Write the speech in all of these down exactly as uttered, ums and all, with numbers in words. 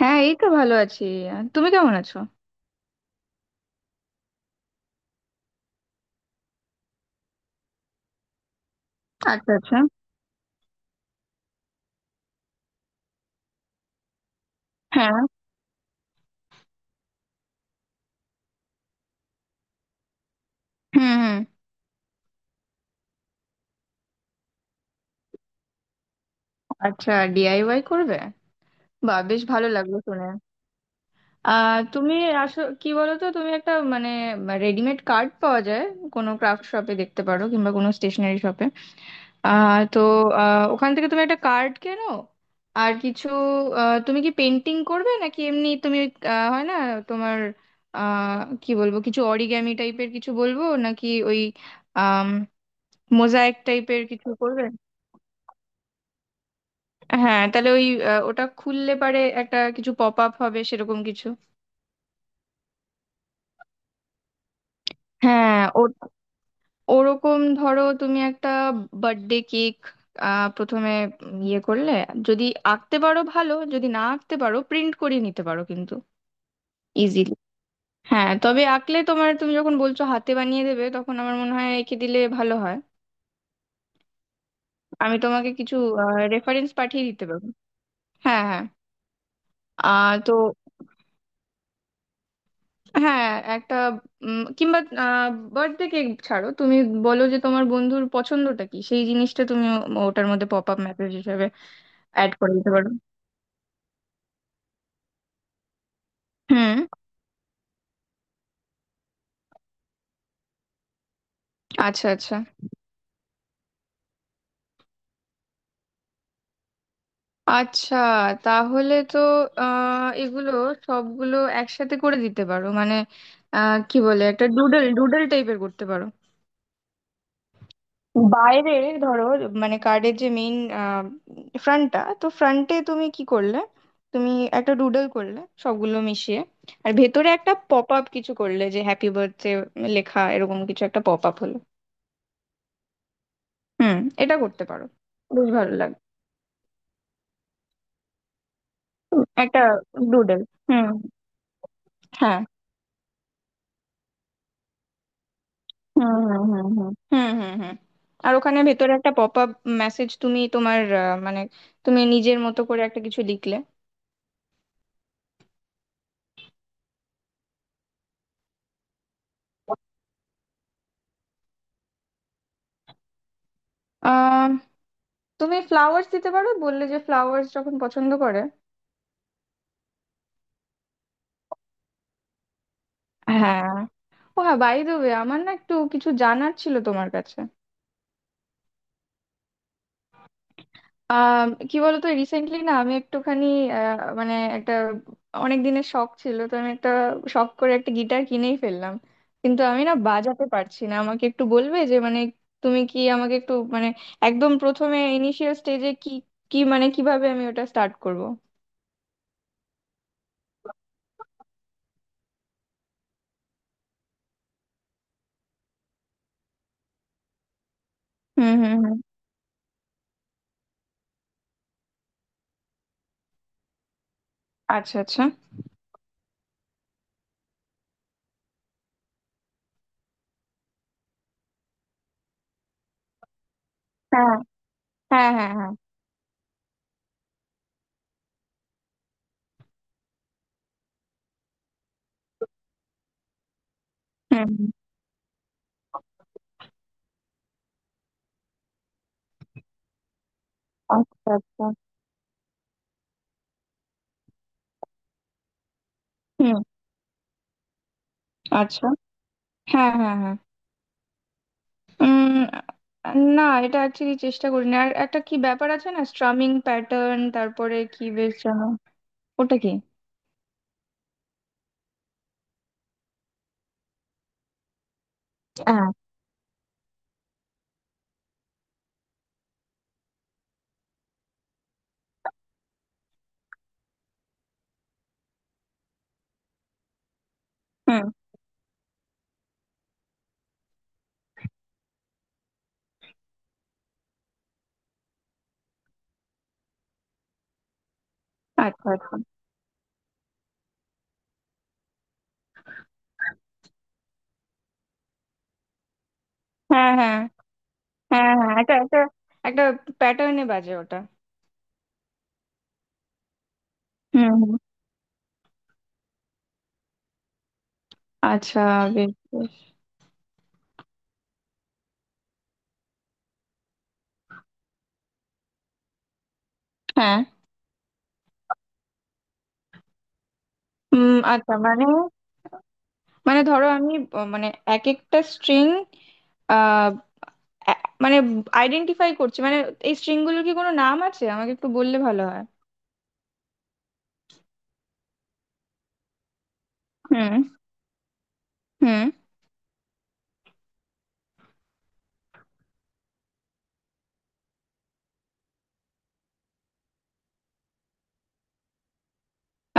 হ্যাঁ, এই তো ভালো আছি। তুমি কেমন আছো? আচ্ছা, আচ্ছা। হ্যাঁ। হুম, হুম। আচ্ছা, ডিআইওয়াই করবে? বা, বেশ ভালো লাগলো শুনে। আহ তুমি আসো, কি বলো তো, তুমি একটা মানে, রেডিমেড কার্ড পাওয়া যায়। কোনো ক্রাফট শপে দেখতে পারো, কিংবা কোনো স্টেশনারি শপে। আহ তো, আহ, ওখান থেকে তুমি একটা কার্ড কেনো। আর কিছু, আহ, তুমি কি পেন্টিং করবে নাকি এমনি তুমি, আহ, হয় না তোমার, আহ কি বলবো, কিছু অরিগ্যামি টাইপের কিছু বলবো নাকি ওই মোজাইক টাইপের কিছু করবেন? হ্যাঁ, তাহলে ওই আহ, ওটা খুললে পারে, একটা কিছু পপ আপ হবে সেরকম কিছু। হ্যাঁ, ও, ওরকম ধরো, তুমি একটা বার্থডে কেক প্রথমে ইয়ে করলে, যদি আঁকতে পারো ভালো, যদি না আঁকতে পারো প্রিন্ট করিয়ে নিতে পারো, কিন্তু ইজিলি। হ্যাঁ, তবে আঁকলে তোমার, তুমি যখন বলছো হাতে বানিয়ে দেবে, তখন আমার মনে হয় এঁকে দিলে ভালো হয়। আমি তোমাকে কিছু রেফারেন্স পাঠিয়ে দিতে পারবো। হ্যাঁ, হ্যাঁ। আহ তো, হ্যাঁ, একটা উম, কিংবা বার্থডে কেক ছাড়ো তুমি। বলো যে তোমার বন্ধুর পছন্দটা কি, সেই জিনিসটা তুমি ও- ওটার মধ্যে পপ আপ মেসেজ হিসেবে অ্যাড করে দিতে পারো। হুম। আচ্ছা, আচ্ছা। আচ্ছা, তাহলে তো আহ এগুলো সবগুলো একসাথে করে দিতে পারো, মানে আহ কি বলে, একটা ডুডল ডুডল টাইপের করতে পারো। বাইরে, ধরো, মানে কার্ডের যে মেইন ফ্রন্টটা, তো ফ্রন্টে তুমি কি করলে, তুমি একটা ডুডল করলে সবগুলো মিশিয়ে। আর ভেতরে একটা পপ আপ কিছু করলে, যে হ্যাপি বার্থডে লেখা, এরকম কিছু একটা পপ আপ হলো। হুম। এটা করতে পারো। বেশ ভালো লাগবে। হুম, একটা ডুডল। হুম। হ্যাঁ। হুম, হুম, হুম, হুম, হুম, হুম, হুম। আর ওখানে ভেতরে একটা পপ আপ মেসেজ, তুমি তোমার আহ, মানে, তুমি নিজের মতো করে একটা কিছু লিখলে। তুমি ফ্লাওয়ার্স দিতে পারো, বললে যে ফ্লাওয়ার্স যখন পছন্দ করে। হ্যাঁ। ও হ্যাঁ, বাই দ্য ওয়ে, আমার না একটু কিছু জানার ছিল তোমার কাছে। আম, কি বলতো, রিসেন্টলি না আমি একটুখানি, আহ, মানে একটা, অনেক দিনের শখ ছিল তো, আমি একটা শখ করে একটা গিটার কিনেই ফেললাম। কিন্তু আমি না বাজাতে পারছি, না আমাকে একটু বলবে যে মানে, তুমি কি আমাকে একটু মানে, একদম প্রথমে ইনিশিয়াল স্টেজে কি, কি মানে কিভাবে আমি ওটা স্টার্ট করব? হুম, হুম, হুম। আচ্ছা, আচ্ছা। হ্যাঁ, হ্যাঁ, হ্যাঁ, হ্যাঁ। হুম। আচ্ছা, আচ্ছা। হুম। আচ্ছা। হ্যাঁ, হ্যাঁ, হ্যাঁ। উম। না, এটা অ্যাকচুয়ালি চেষ্টা করিনি। আর একটা কি ব্যাপার আছে না, স্ট্রামিং প্যাটার্ন, তারপরে কি বেশ যেন, ওটা কি? হ্যাঁ। হুম। আচ্ছা, আচ্ছা। হ্যাঁ, হ্যাঁ, হ্যাঁ, হ্যাঁ, একটা একটা একটা প্যাটার্নে বাজে ওটা। হুম, হুম। আচ্ছা, বেশ বেশ। হ্যাঁ। হুম। আচ্ছা, মানে, মানে ধরো আমি, আহ, মানে এক একটা স্ট্রিং, মানে আইডেন্টিফাই করছি, মানে এই স্ট্রিং গুলোর কি কোনো নাম আছে? আমাকে একটু বললে ভালো হয়। হুম, হুম।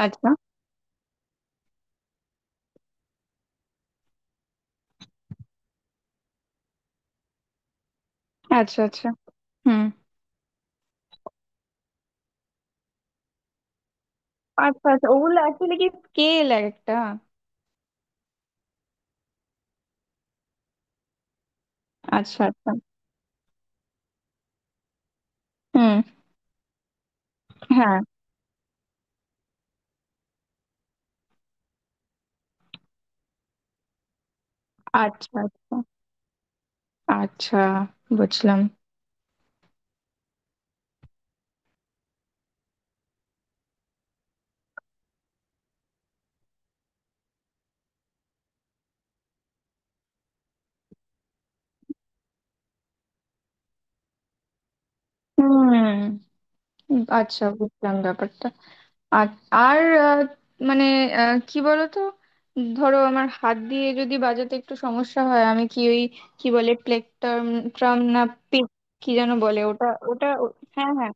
আচ্ছা, আচ্ছা। আচ্ছা। হুম। আচ্ছা, আচ্ছা, ওগুলো অ্যাকচুয়ালি কি স্কেল একটা? আচ্ছা, আচ্ছা। হুম। হ্যাঁ। আচ্ছা, আচ্ছা, আচ্ছা, বুঝলাম। হুম। আচ্ছা, বুঝলাম ব্যাপারটা। আর, আর, আহ, মানে, আহ, কি বলতো, ধরো আমার হাত দিয়ে যদি বাজাতে একটু সমস্যা হয়, আমি কি ওই কি বলে প্লেকটার্ম, ট্রাম, না পিক, কি যেন বলে ওটা? ওটা ও- হ্যাঁ, হ্যাঁ।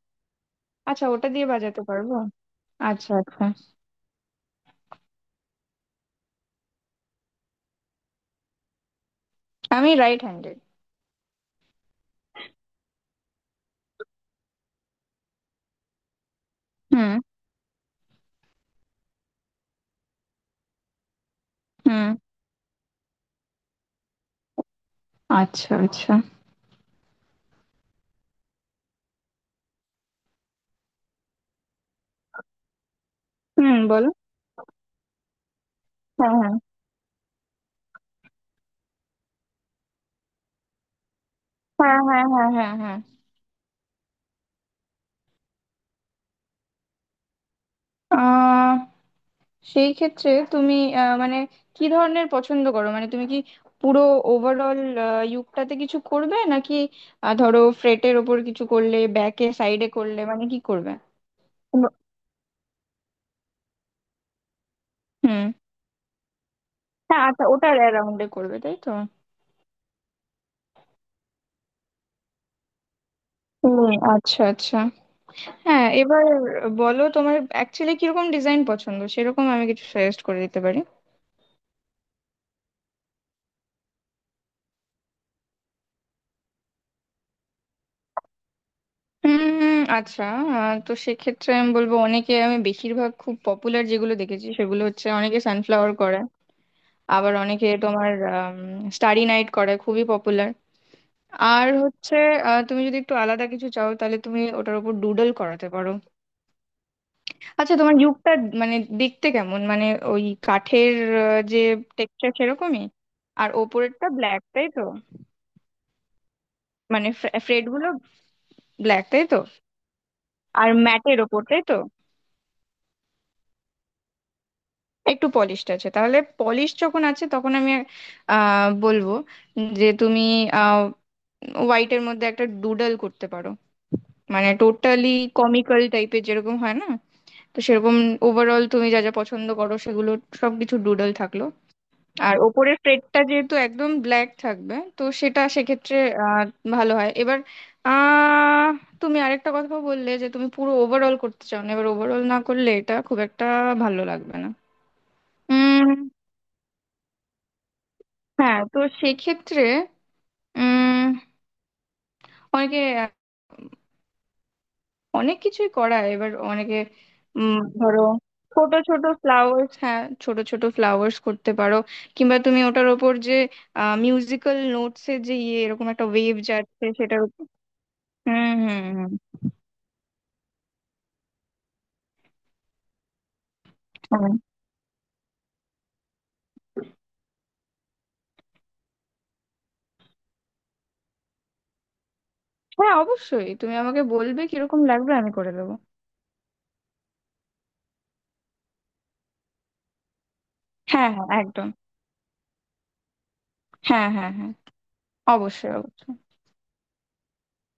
আচ্ছা, ওটা দিয়ে বাজাতে পারবো। আচ্ছা, আচ্ছা। আমি রাইট হ্যান্ডেড। হুম, হুম। আচ্ছা, আচ্ছা। হুম, বলো। হ্যাঁ, হ্যাঁ। হ্যাঁ, হ্যাঁ, হ্যাঁ, হ্যাঁ, হ্যাঁ। আ সেই ক্ষেত্রে তুমি, আ মানে কি ধরনের পছন্দ করো? মানে তুমি কি পুরো ওভারঅল, আ ইউকটাতে কিছু করবে নাকি, আ ধরো ফ্রেটের ওপর কিছু করলে, ব্যাকে সাইডে করলে, মানে কি করবে? ব হুম। হ্যাঁ, আচ্ছা, ওটার অ্যারাউন্ডে করবে, তাই তো? হুম, আচ্ছা, আচ্ছা। হ্যাঁ, এবার বলো তোমার অ্যাকচুয়ালি কিরকম ডিজাইন পছন্দ? সেরকম আমি কিছু সাজেস্ট করে দিতে পারি। উম আচ্ছা, আহ, তো সেক্ষেত্রে আমি বলবো, অনেকে, আমি বেশিরভাগ খুব পপুলার যেগুলো দেখেছি সেগুলো হচ্ছে, অনেকে সানফ্লাওয়ার করে। আবার অনেকে তোমার স্টারি নাইট করে, খুবই পপুলার। আর হচ্ছে, আহ, তুমি যদি একটু আলাদা কিছু চাও তাহলে তুমি ওটার উপর ডুডল করাতে পারো। আচ্ছা, তোমার ইউকটা, মানে দেখতে কেমন, মানে ওই কাঠের, আহ, যে টেক্সচার সেরকমই। আর ওপরেরটা ব্ল্যাক, তাই তো? মানে ফ্রেড গুলো ব্ল্যাক, তাই তো? আর ম্যাটের ওপর, তাই তো? একটু পলিশড আছে, তাহলে পলিশ যখন আছে তখন আমি আহ, বলবো যে তুমি হোয়াইটের মধ্যে একটা ডুডল করতে পারো। মানে টোটালি কমিক্যাল টাইপের, যেরকম হয় না, তো সেরকম ওভারঅল তুমি যা যা পছন্দ করো সেগুলো সবকিছু ডুডল থাকলো। আর ওপরের প্লেটটা যেহেতু একদম ব্ল্যাক থাকবে, তো সেটা সেক্ষেত্রে আহ, ভালো হয়। এবার আহ, তুমি আরেকটা কথা বললে যে তুমি পুরো ওভারঅল করতে চাও না, এবার ওভারঅল না করলে এটা খুব একটা ভালো লাগবে না। হ্যাঁ, তো সেক্ষেত্রে উম, অনেকে অনেক কিছুই করায়, এবার অনেকে উম, ধরো, ছোট ছোট ফ্লাওয়ার্স, হ্যাঁ, ছোট ছোট ফ্লাওয়ার্স করতে পারো। কিংবা তুমি ওটার ওপর যে মিউজিক্যাল নোটস এর যে ইয়ে, এরকম একটা ওয়েভ যাচ্ছে, সেটার উপর। হুম, হুম, হুম। হুম। হ্যাঁ, অবশ্যই, তুমি আমাকে বলবে কিরকম লাগবে, আমি করে দেবো। হ্যাঁ, হ্যাঁ, একদম। হ্যাঁ, হ্যাঁ, হ্যাঁ। অবশ্যই, অবশ্যই।